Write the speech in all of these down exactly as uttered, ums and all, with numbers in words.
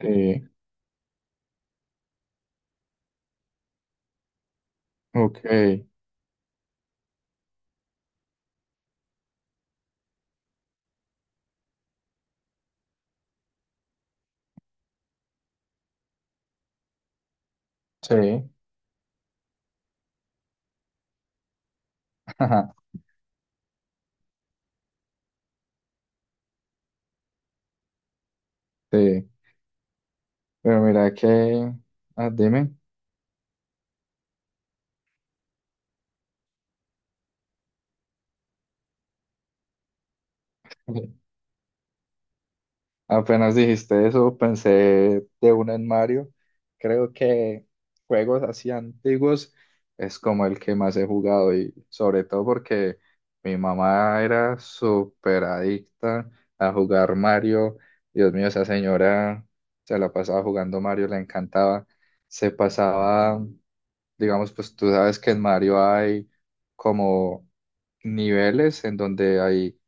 Sí. Ok. Sí. Ajá. Sí, pero mira que, ah, dime. Apenas dijiste eso, pensé de una en Mario. Creo que juegos así antiguos es como el que más he jugado, y sobre todo porque mi mamá era súper adicta a jugar Mario. Dios mío, esa señora se la pasaba jugando Mario, le encantaba, se pasaba. Digamos, pues tú sabes que en Mario hay como niveles en donde hay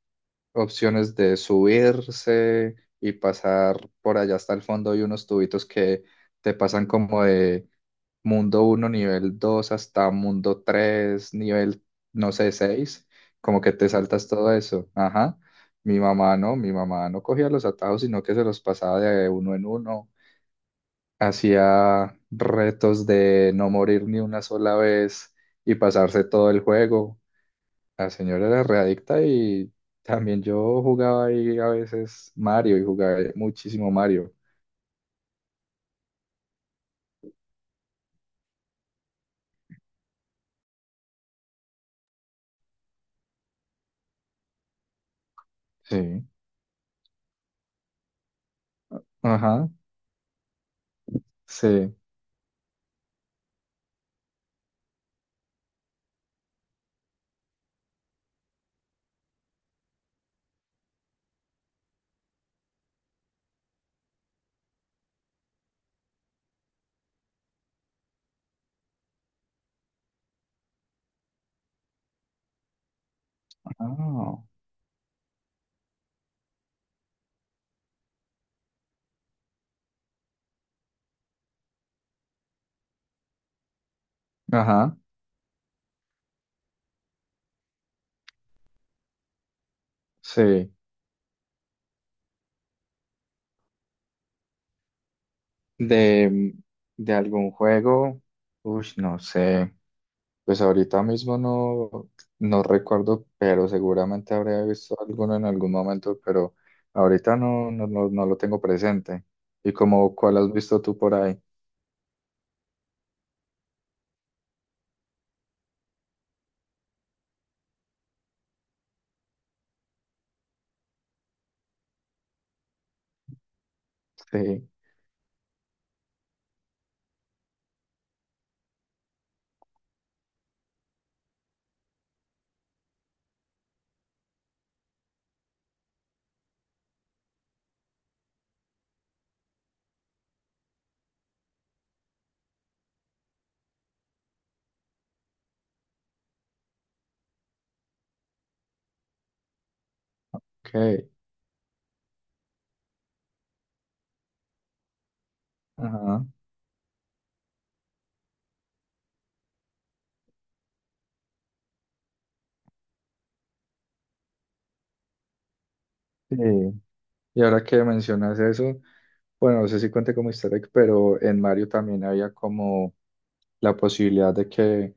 opciones de subirse y pasar por allá hasta el fondo y unos tubitos que te pasan como de mundo uno nivel dos hasta mundo tres nivel, no sé, seis, como que te saltas todo eso. Ajá. Mi mamá no, mi mamá no cogía los atajos, sino que se los pasaba de uno en uno, hacía retos de no morir ni una sola vez y pasarse todo el juego. La señora era readicta, y también yo jugaba ahí a veces Mario y jugaba muchísimo Mario. Sí. Ajá, sí. Ah. Ajá, sí. ¿De, de algún juego? Uy, no sé. Pues ahorita mismo no, no recuerdo, pero seguramente habría visto alguno en algún momento, pero ahorita no, no, no, no lo tengo presente. ¿Y como cuál has visto tú por ahí? Sí. Ok. Ajá. Sí. Y ahora que mencionas eso, bueno, no sé si cuente como easter egg, pero en Mario también había como la posibilidad de que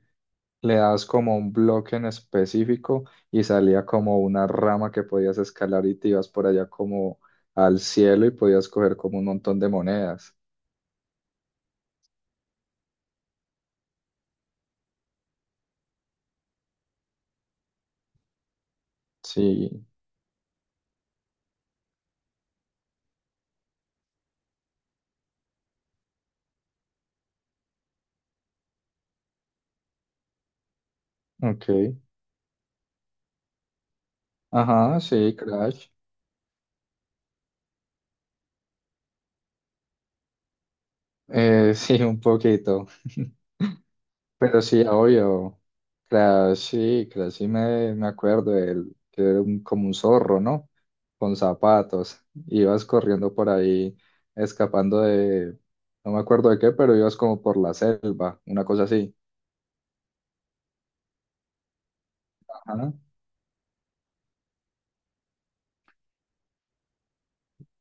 le das como un bloque en específico y salía como una rama que podías escalar y te ibas por allá como al cielo y podías coger como un montón de monedas. Sí. Ok. Ajá, sí, Crash. Eh, sí, un poquito. Pero sí, obvio. Crash, sí, Crash, sí me, me acuerdo de él, que era un- como un zorro, ¿no? Con zapatos. Ibas corriendo por ahí, escapando de, no me acuerdo de qué, pero ibas como por la selva, una cosa así. Ajá.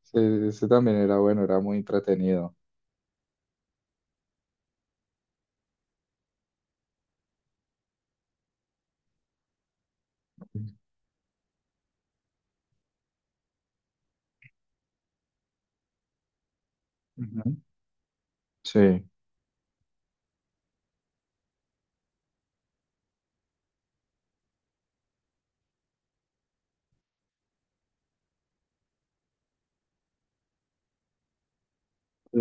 Sí, ese también era bueno, era muy entretenido. Ujú. Sí, sí,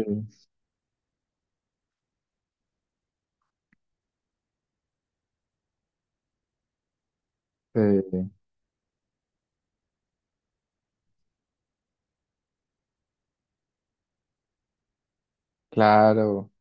sí, claro.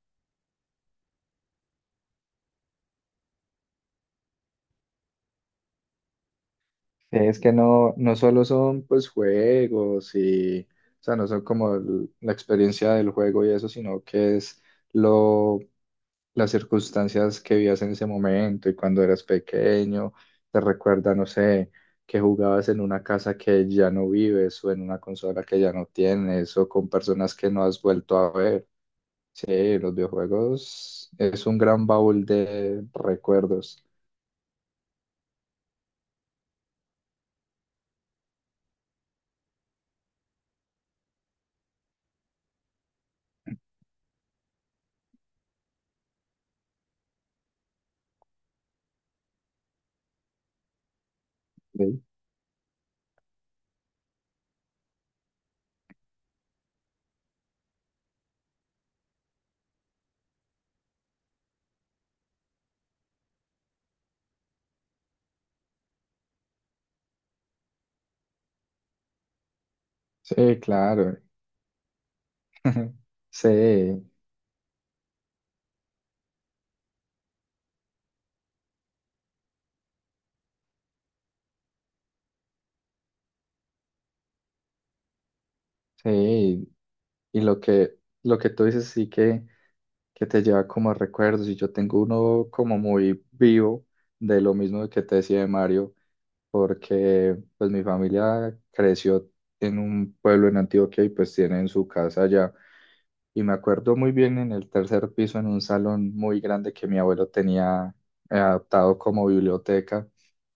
Es que no, no solo son pues juegos y, o sea, no son como el- la experiencia del juego y eso, sino que es lo, las circunstancias que vivías en ese momento y cuando eras pequeño, te recuerda, no sé, que jugabas en una casa que ya no vives, o en una consola que ya no tienes, o con personas que no has vuelto a ver. Sí, los videojuegos es un gran baúl de recuerdos. Sí. Sí, claro. Sí, sí. Y lo que, lo que tú dices sí, que, que te lleva como a recuerdos. Y yo tengo uno como muy vivo de lo mismo que te decía de Mario, porque pues mi familia creció en un pueblo en Antioquia y pues tienen su casa allá. Y me acuerdo muy bien en el tercer piso, en un salón muy grande que mi abuelo tenía eh, adaptado como biblioteca,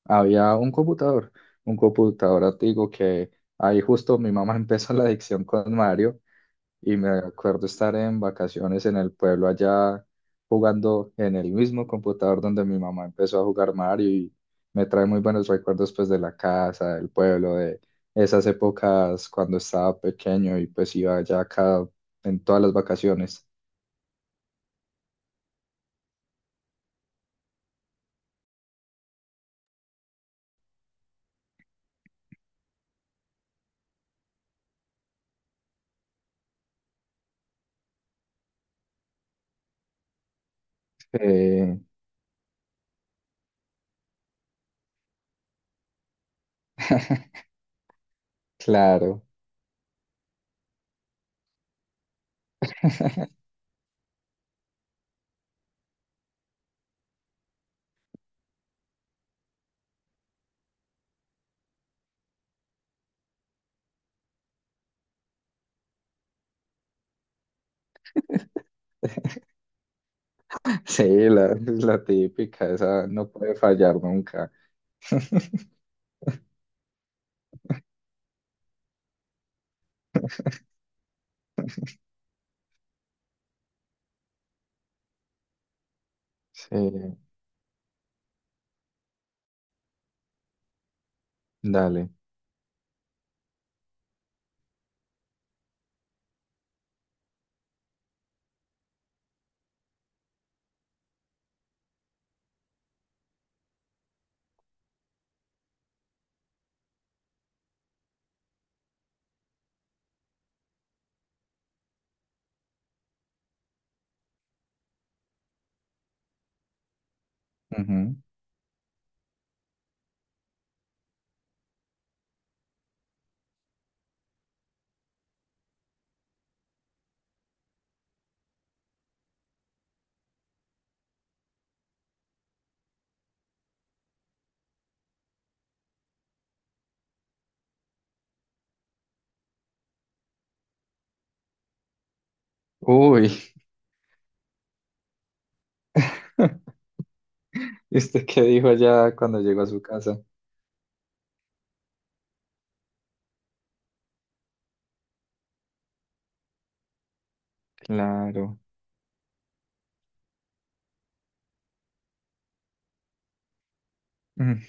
había un computador, un computador antiguo, que ahí justo mi mamá empezó la adicción con Mario, y me acuerdo estar en vacaciones en el pueblo allá jugando en el mismo computador donde mi mamá empezó a jugar Mario, y me trae muy buenos recuerdos pues de la casa, del pueblo, de esas épocas cuando estaba pequeño y pues iba allá cada, en todas las vacaciones. Eh, claro, sí, la, la típica, esa no puede fallar nunca. Sí, dale. Ujú. Uy, ¿y usted qué dijo allá cuando llegó a su casa? Claro. Mm.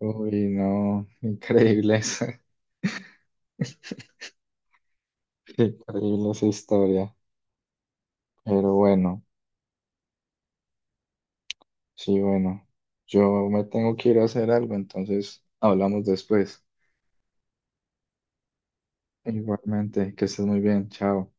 Uy, no, increíble eso. Increíble esa historia. Pero bueno, sí, bueno. Yo me tengo que ir a hacer algo, entonces hablamos después. Igualmente, que estés muy bien. Chao.